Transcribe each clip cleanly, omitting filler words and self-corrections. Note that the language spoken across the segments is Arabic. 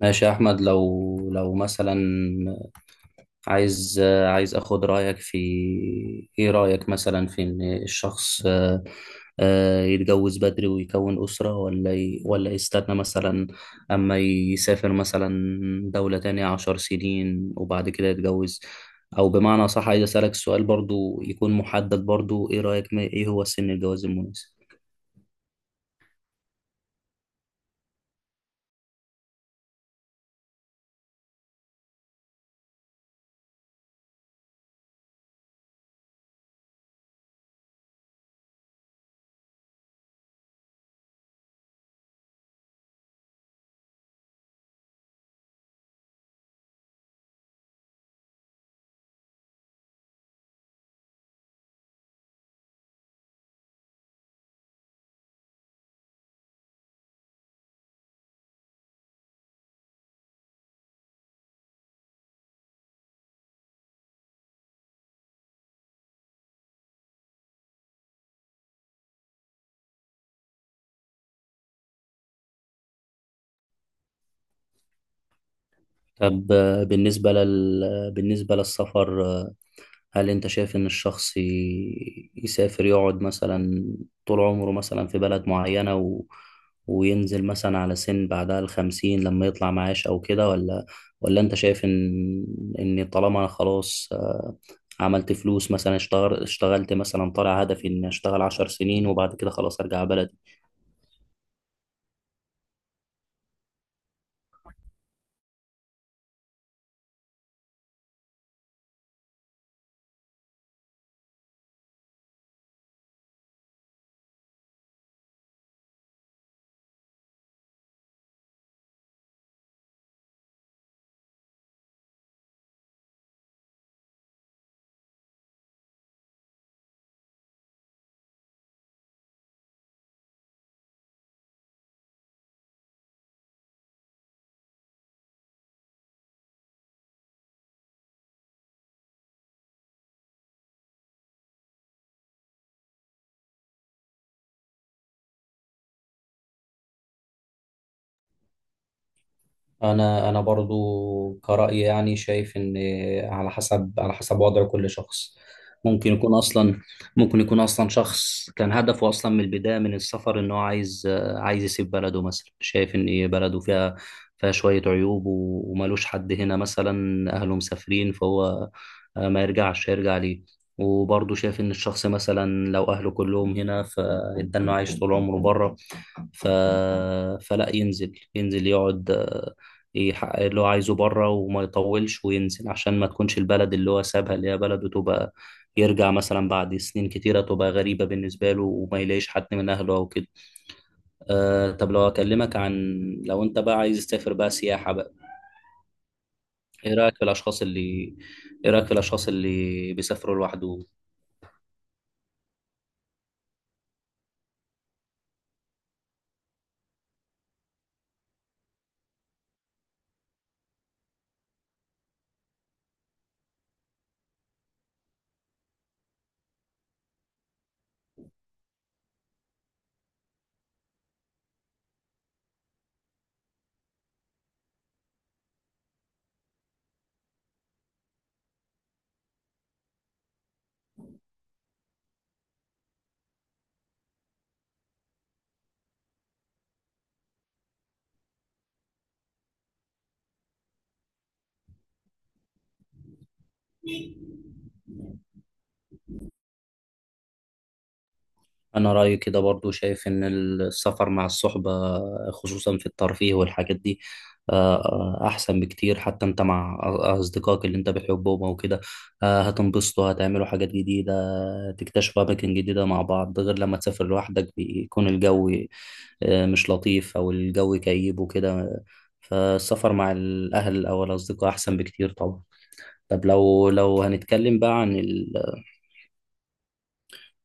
ماشي يا احمد، لو مثلا عايز عايز اخد رايك في، ايه رايك مثلا في ان الشخص يتجوز بدري ويكون اسره، ولا ولا يستنى مثلا اما يسافر مثلا دوله تانية 10 سنين وبعد كده يتجوز. او بمعنى صح، عايز اسالك سؤال برضو يكون محدد برضو: ايه رايك ايه هو سن الجواز المناسب؟ طب بالنسبه للسفر، هل انت شايف ان الشخص يسافر يقعد مثلا طول عمره مثلا في بلد معينة، وينزل مثلا على سن بعدها الخمسين لما يطلع معاش او كده؟ ولا انت شايف ان طالما انا خلاص، عملت فلوس مثلا، اشتغلت مثلا، طالع هدفي اني اشتغل 10 سنين وبعد كده خلاص ارجع بلدي؟ انا برضو كرأي يعني شايف ان، على حسب، وضع كل شخص. ممكن يكون اصلا ممكن يكون اصلا شخص كان هدفه اصلا من البداية من السفر ان هو عايز، يسيب بلده مثلا، شايف ان بلده فيها، شوية عيوب وملوش حد هنا مثلا، اهله مسافرين، فهو ما يرجعش، هيرجع ليه؟ وبرضه شايف ان الشخص مثلا لو اهله كلهم هنا فده انه عايش طول عمره بره. ف... فلا ينزل، يقعد يحقق اللي هو عايزه بره وما يطولش وينزل، عشان ما تكونش البلد اللي هو سابها اللي هي بلده تبقى يرجع مثلا بعد سنين كتيرة تبقى غريبة بالنسبة له وما يلاقيش حد من أهله أو كده. أه. طب لو أكلمك عن لو أنت بقى عايز تسافر بقى سياحة بقى، إيه رأيك في الأشخاص اللي إيه رأيك في الأشخاص اللي بيسافروا لوحدهم؟ أنا رأيي كده برضو، شايف إن السفر مع الصحبة، خصوصا في الترفيه والحاجات دي، أحسن بكتير. حتى أنت مع أصدقائك اللي أنت بتحبهم أو كده، هتنبسطوا، هتعملوا حاجات جديدة، تكتشفوا أماكن جديدة مع بعض. غير لما تسافر لوحدك، بيكون الجو مش لطيف أو الجو كئيب وكده. فالسفر مع الأهل أو الأصدقاء أحسن بكتير طبعا. طب لو هنتكلم بقى عن،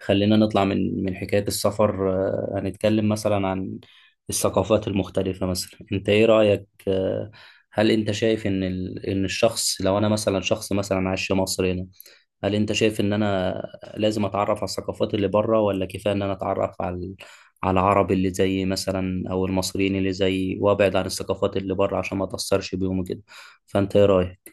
خلينا نطلع من حكاية السفر. هنتكلم مثلا عن الثقافات المختلفة. مثلا انت ايه رأيك؟ هل انت شايف ان ان الشخص، لو انا مثلا شخص مثلا عايش في مصر هنا، هل انت شايف ان انا لازم اتعرف على الثقافات اللي بره، ولا كفاية ان انا اتعرف على على العرب اللي زي مثلا او المصريين اللي زي، وابعد عن الثقافات اللي بره عشان ما اتأثرش بيهم كده؟ فانت ايه رأيك؟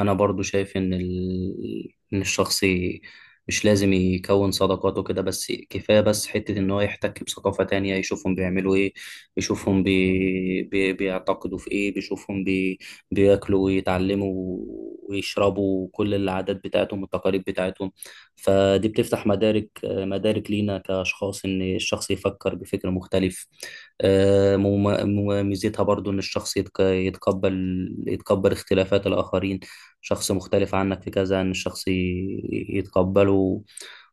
انا برضو شايف ان ان الشخص مش لازم يكون صداقاته كده بس، كفايه بس حته ان هو يحتك بثقافه تانية، يشوفهم بيعملوا ايه، يشوفهم بيعتقدوا في ايه، بيشوفهم بياكلوا ويتعلموا ويشربوا، كل العادات بتاعتهم والتقاليد بتاعتهم. فدي بتفتح مدارك لينا كاشخاص، ان الشخص يفكر بفكر مختلف. ميزتها برضو ان الشخص يتقبل اختلافات الاخرين. شخص مختلف عنك في كذا، ان الشخص يتقبله،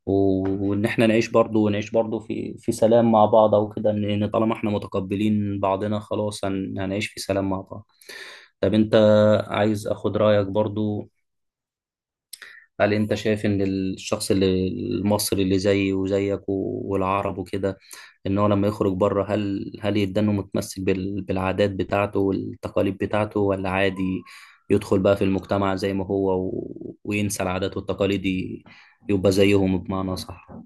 وان احنا نعيش برضو، ونعيش برضو في سلام مع بعض او كده، ان طالما احنا متقبلين بعضنا خلاص هنعيش في سلام مع بعض. طب انت، عايز اخد رايك برضو. هل انت شايف ان الشخص المصري اللي زيي وزيك والعرب وكده، ان هو لما يخرج بره، هل يدانه متمسك بالعادات بتاعته والتقاليد بتاعته، ولا عادي يدخل بقى في المجتمع زي ما هو، وينسى العادات والتقاليد، يبقى زيهم بمعنى صح؟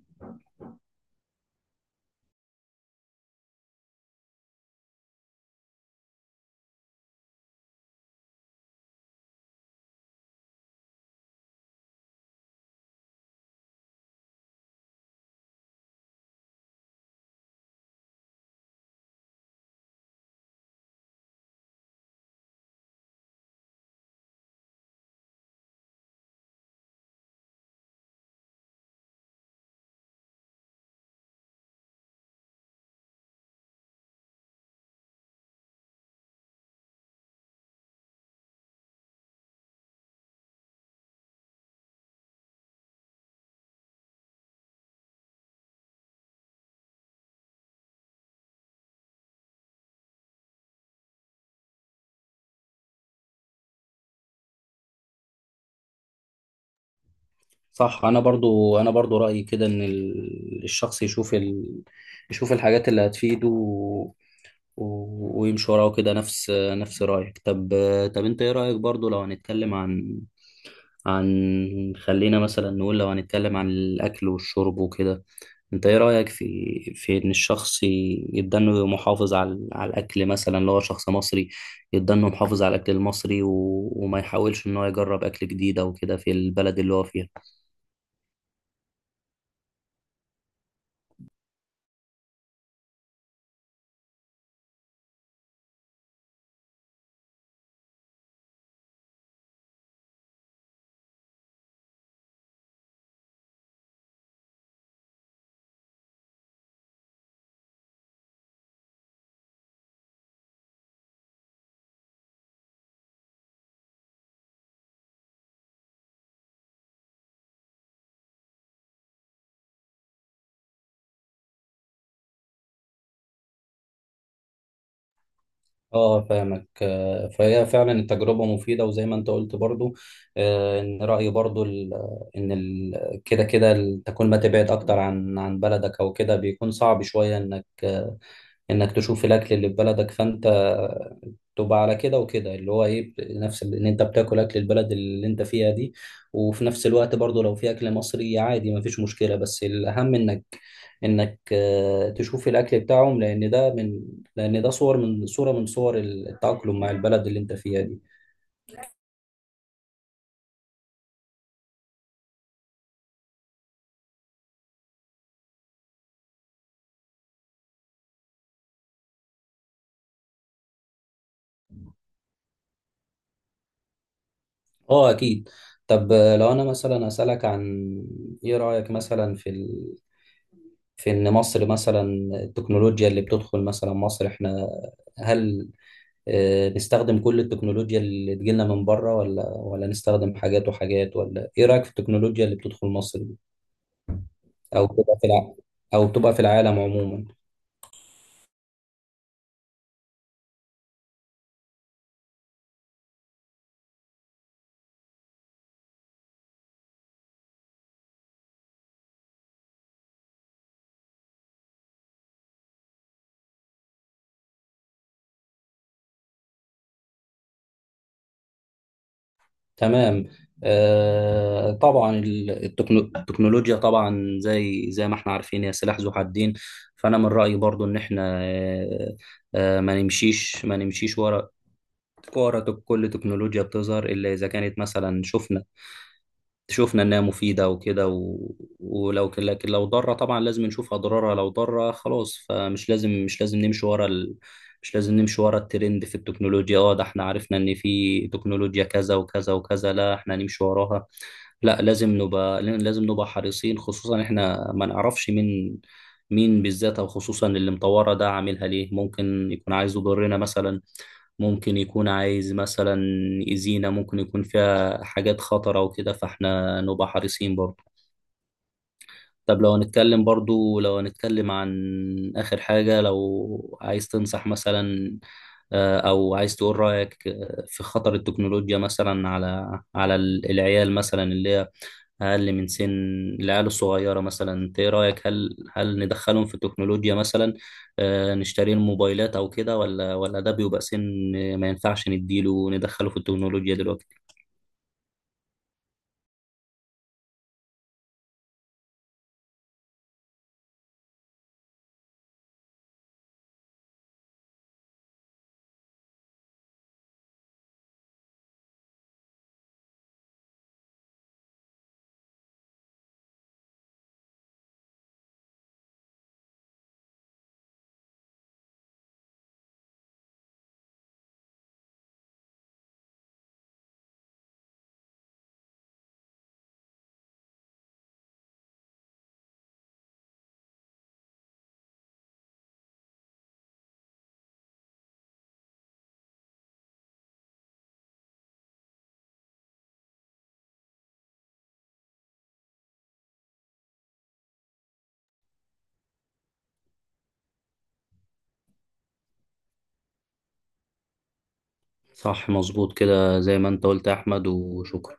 صح. انا برضو رأيي كده، ان الشخص يشوف يشوف الحاجات اللي هتفيده ويمشي وراه كده، نفس رأيك. طب انت ايه رأيك برضو، لو هنتكلم عن، خلينا مثلا نقول لو هنتكلم عن الأكل والشرب وكده، انت ايه رأيك في ان الشخص يبقى انه محافظ على الاكل؟ مثلا لو هو شخص مصري يبقى انه محافظ على الاكل المصري وما يحاولش ان هو يجرب اكل جديد او كده في البلد اللي هو فيها؟ اه، فاهمك. فهي فعلا التجربة مفيدة، وزي ما انت قلت برضو، ان رأيي برضو كده كده تكون، ما تبعد اكتر عن بلدك او كده، بيكون صعب شوية انك، انك تشوف الاكل اللي في بلدك. فانت تبقى على كده، وكده اللي هو ايه، نفس ان انت بتاكل اكل البلد اللي انت فيها دي. وفي نفس الوقت برضو، لو في اكل مصري عادي ما فيش مشكلة، بس الاهم انك، تشوف الاكل بتاعهم، لان ده من، لان ده صور من صور التأقلم مع البلد اللي انت فيها دي. اه، اكيد. طب لو انا مثلا اسالك عن، ايه رايك مثلا في في ان مصر مثلا، التكنولوجيا اللي بتدخل مثلا مصر، احنا هل نستخدم كل التكنولوجيا اللي تجيلنا من بره، ولا نستخدم حاجات وحاجات، ولا ايه رايك في التكنولوجيا اللي بتدخل مصر دي، او بتبقى في الع... او بتبقى في العالم عموما؟ تمام. طبعا التكنولوجيا طبعا، زي ما احنا عارفين، هي سلاح ذو حدين. فانا من رأيي برضو ان احنا، ما نمشيش ورا، كل تكنولوجيا بتظهر، الا اذا كانت مثلا شفنا انها مفيده وكده ولو لكن لو ضاره طبعا لازم نشوف اضرارها. لو ضاره خلاص فمش لازم مش لازم نمشي ورا ال... مش لازم نمشي ورا الترند في التكنولوجيا. اه ده احنا عرفنا ان في تكنولوجيا كذا وكذا وكذا، لا احنا نمشي وراها. لا، لازم نبقى حريصين. خصوصا احنا ما نعرفش مين، بالذات او خصوصا اللي مطوره ده عاملها ليه. ممكن يكون عايز يضرنا مثلا، ممكن يكون عايز مثلا يأذينا، ممكن يكون فيها حاجات خطرة وكده، فاحنا نبقى حريصين برضو. طب لو هنتكلم عن آخر حاجة. لو عايز تنصح مثلا، أو عايز تقول رأيك، في خطر التكنولوجيا مثلا على العيال مثلا، اللي هي أقل من سن، العيال الصغيرة مثلا. أنت إيه رأيك؟ هل ندخلهم في التكنولوجيا مثلا، نشتري لهم موبايلات أو كده؟ ولا ده بيبقى سن ما ينفعش ندخله في التكنولوجيا دلوقتي؟ صح، مظبوط كده، زي ما أنت قلت يا أحمد. وشكرا.